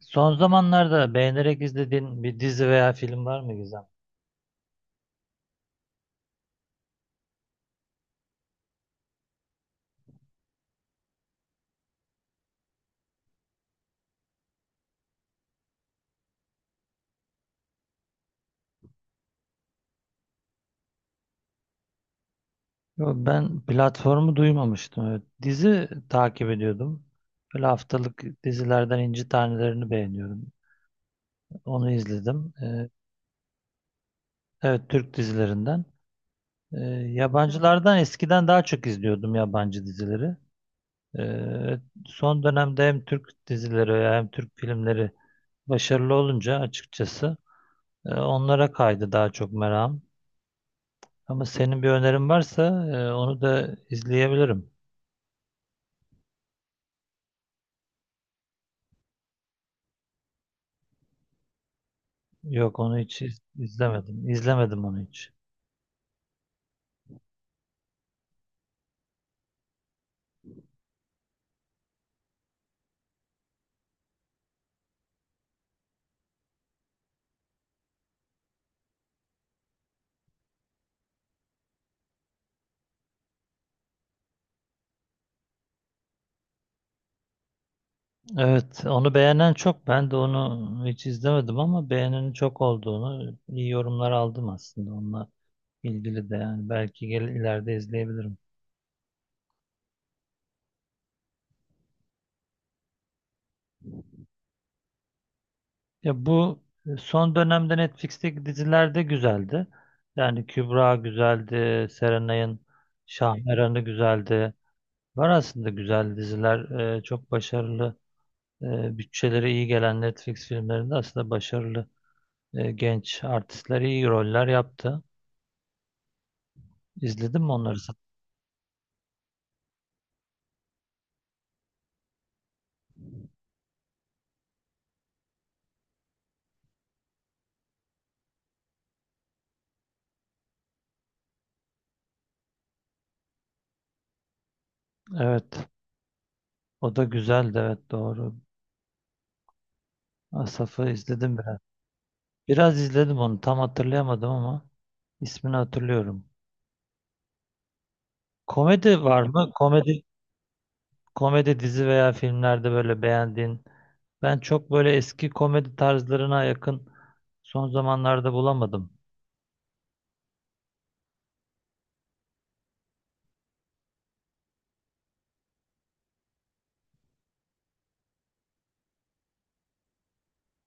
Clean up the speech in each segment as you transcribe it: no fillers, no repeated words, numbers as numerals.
Son zamanlarda beğenerek izlediğin bir dizi veya film var mı, Gizem? Yo, ben platformu duymamıştım. Evet. Dizi takip ediyordum. Böyle haftalık dizilerden İnci Taneleri'ni beğeniyorum. Onu izledim. Evet Türk dizilerinden. Ee, Yabancılardan eskiden daha çok izliyordum yabancı dizileri. Evet, son dönemde hem Türk dizileri hem Türk filmleri başarılı olunca açıkçası onlara kaydı daha çok merakım. Ama senin bir önerin varsa onu da izleyebilirim. Yok, onu hiç izlemedim. İzlemedim onu hiç. Evet, onu beğenen çok. Ben de onu hiç izlemedim, ama beğenenin çok olduğunu, iyi yorumlar aldım aslında onunla ilgili de, yani belki gel ileride izleyebilirim. Ya, bu son dönemde Netflix'teki diziler de güzeldi. Yani Kübra güzeldi, Serenay'ın Şahmeran'ı güzeldi. Var aslında güzel diziler, çok başarılı, bütçeleri iyi gelen Netflix filmlerinde aslında başarılı genç artistler iyi roller yaptı. İzledin mi onları, sen? Evet, o da güzeldi, evet doğru. Asaf'ı izledim biraz. Biraz izledim onu, tam hatırlayamadım ama ismini hatırlıyorum. Komedi var mı? Komedi dizi veya filmlerde böyle beğendiğin. Ben çok böyle eski komedi tarzlarına yakın son zamanlarda bulamadım.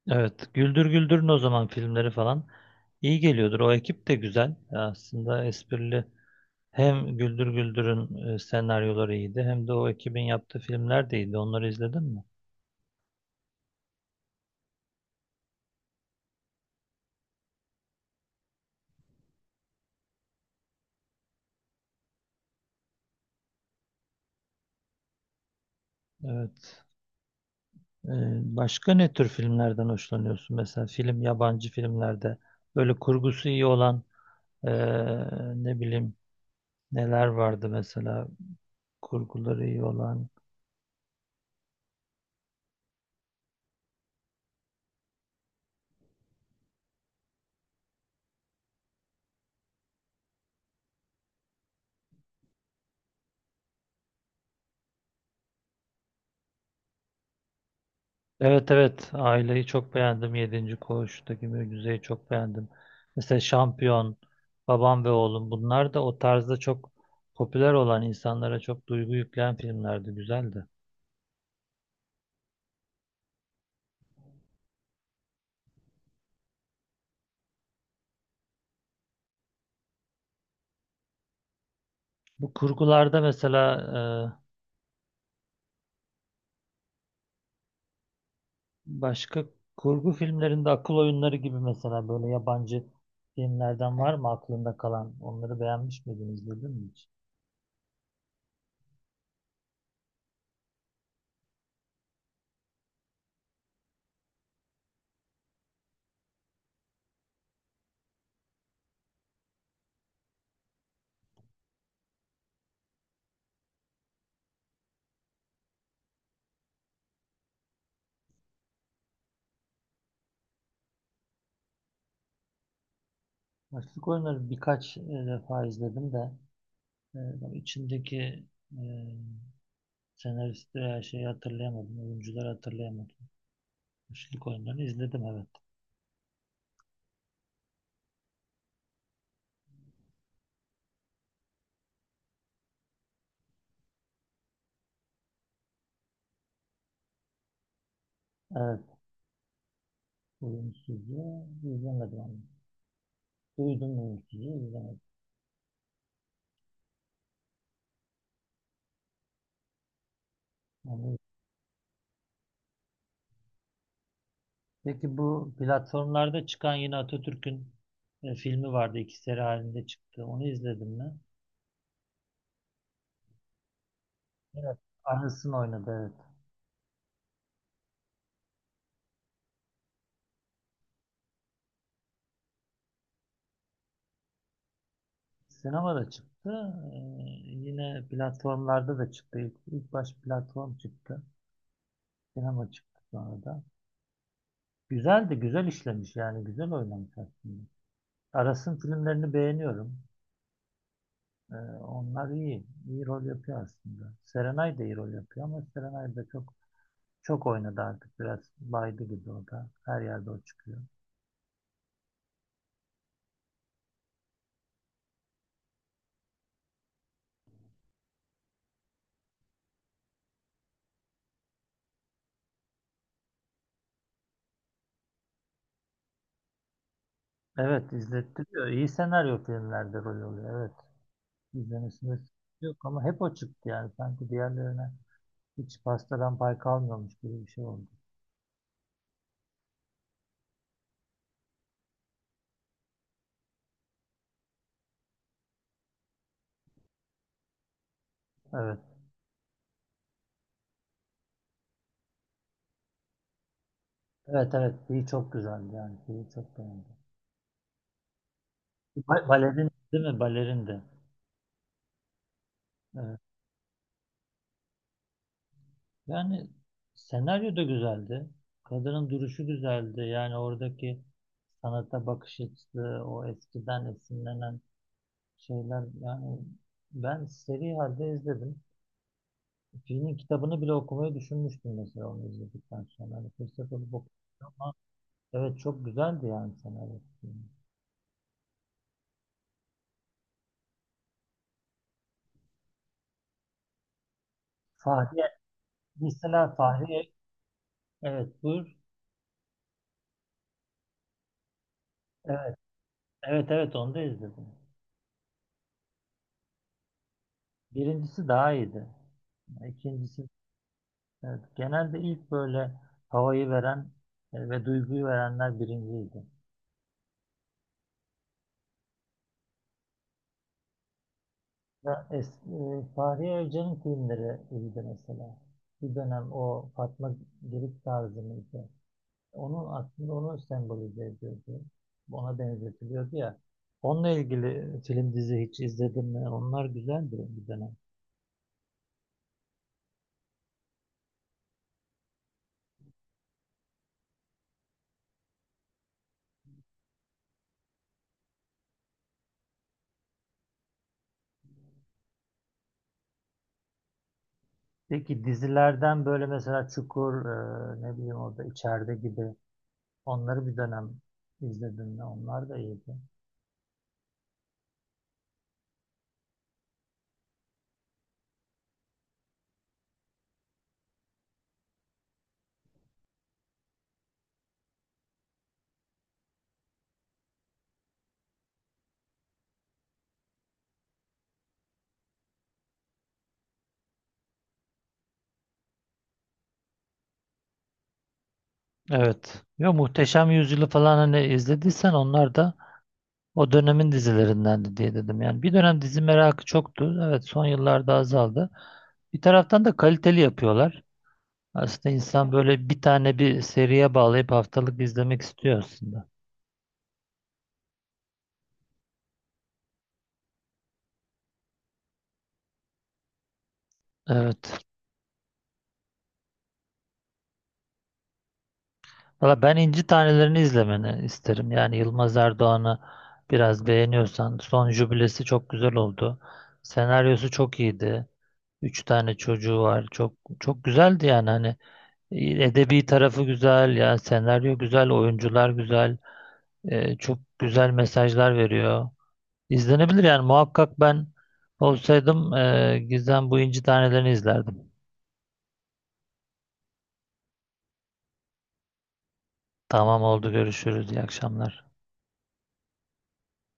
Evet, Güldür Güldür'ün o zaman filmleri falan iyi geliyordur. O ekip de güzel. Aslında esprili. Hem Güldür Güldür'ün senaryoları iyiydi, hem de o ekibin yaptığı filmler de iyiydi. Onları izledin mi? Evet. E, Başka ne tür filmlerden hoşlanıyorsun? Mesela film, yabancı filmlerde böyle kurgusu iyi olan, e, ne bileyim, neler vardı mesela kurguları iyi olan? Evet, evet, aileyi çok beğendim. Yedinci Koğuş'taki Mücize'yi çok beğendim. Mesela Şampiyon, Babam ve Oğlum, bunlar da o tarzda çok popüler olan, insanlara çok duygu yükleyen filmlerdi. Güzeldi. Bu kurgularda mesela başka kurgu filmlerinde akıl oyunları gibi, mesela böyle yabancı filmlerden var mı aklında kalan? Onları beğenmiş miydin, izledin mi hiç? Açlık oyunları birkaç defa izledim de. Bak, içindeki e, senaristi, her şeyi hatırlayamadım. Oyuncuları hatırlayamadım. Üçlük oyunlarını izledim, evet. Evet. Oyuncusuzu izlemedim ama. Duydum, oyuncusuzu izlemedim. Ama... Peki, bu platformlarda çıkan yine Atatürk'ün filmi vardı. İki seri halinde çıktı. Onu izledim mi? Evet. Anısını oynadı, evet. Sinemada çıktı. E, Yine platformlarda da çıktı. İlk baş platform çıktı. Sinema çıktı sonra da. Güzel de, güzel işlemiş yani, güzel oynamış aslında. Aras'ın filmlerini beğeniyorum. Ee, Onlar iyi. İyi rol yapıyor aslında. Serenay da iyi rol yapıyor, ama Serenay da çok çok oynadı artık. Biraz baydı gibi o da. Her yerde o çıkıyor. Evet, izlettiriyor. İyi senaryo filmlerde rol oluyor. Evet. İzlemesinde sıkıntı yok, ama hep o çıktı yani. Sanki diğerlerine hiç pastadan pay kalmıyormuş gibi bir şey oldu. Evet. Evet, evet. İyi, çok güzeldi yani. İyi, çok beğendim. Balerin, değil mi? Balerin de. Evet. Yani senaryo da güzeldi. Kadının duruşu güzeldi. Yani oradaki sanata bakış açısı, o eskiden esinlenen şeyler. Yani ben seri halde izledim. Filmin kitabını bile okumayı düşünmüştüm, mesela onu izledikten sonra. Hani fırsat olup. Evet, çok güzeldi yani senaryo. Fahriye, mesela Fahriye, evet buyur. Evet, evet, evet, onu da izledim. Birincisi daha iyiydi. İkincisi... Evet, genelde ilk böyle havayı veren ve duyguyu verenler birinciydi. Ya, Fahriye Evcen'in filmleri iyiydi mesela. Bir dönem o Fatma Girik tarzı mıydı? Onun aslında onu sembolize ediyordu. Ona benzetiliyordu ya. Onunla ilgili film dizi hiç izledim mi? Onlar güzeldi bir dönem. Peki, dizilerden böyle mesela Çukur, ne bileyim orada içeride gibi, onları bir dönem izledim mi? Onlar da iyiydi. Evet. Ya, Muhteşem Yüzyılı falan, hani izlediysen, onlar da o dönemin dizilerindendi diye dedim. Yani bir dönem dizi merakı çoktu. Evet, son yıllarda azaldı. Bir taraftan da kaliteli yapıyorlar. Aslında insan böyle bir tane bir seriye bağlayıp haftalık izlemek istiyor aslında. Evet. Valla, ben İnci Taneleri'ni izlemeni isterim. Yani Yılmaz Erdoğan'ı biraz beğeniyorsan, son jübilesi çok güzel oldu. Senaryosu çok iyiydi. Üç tane çocuğu var. Çok çok güzeldi yani, hani edebi tarafı güzel yani, senaryo güzel, oyuncular güzel, çok güzel mesajlar veriyor. İzlenebilir yani, muhakkak. Ben olsaydım Gizem, bu İnci Taneleri'ni izlerdim. Tamam, oldu, görüşürüz, iyi akşamlar.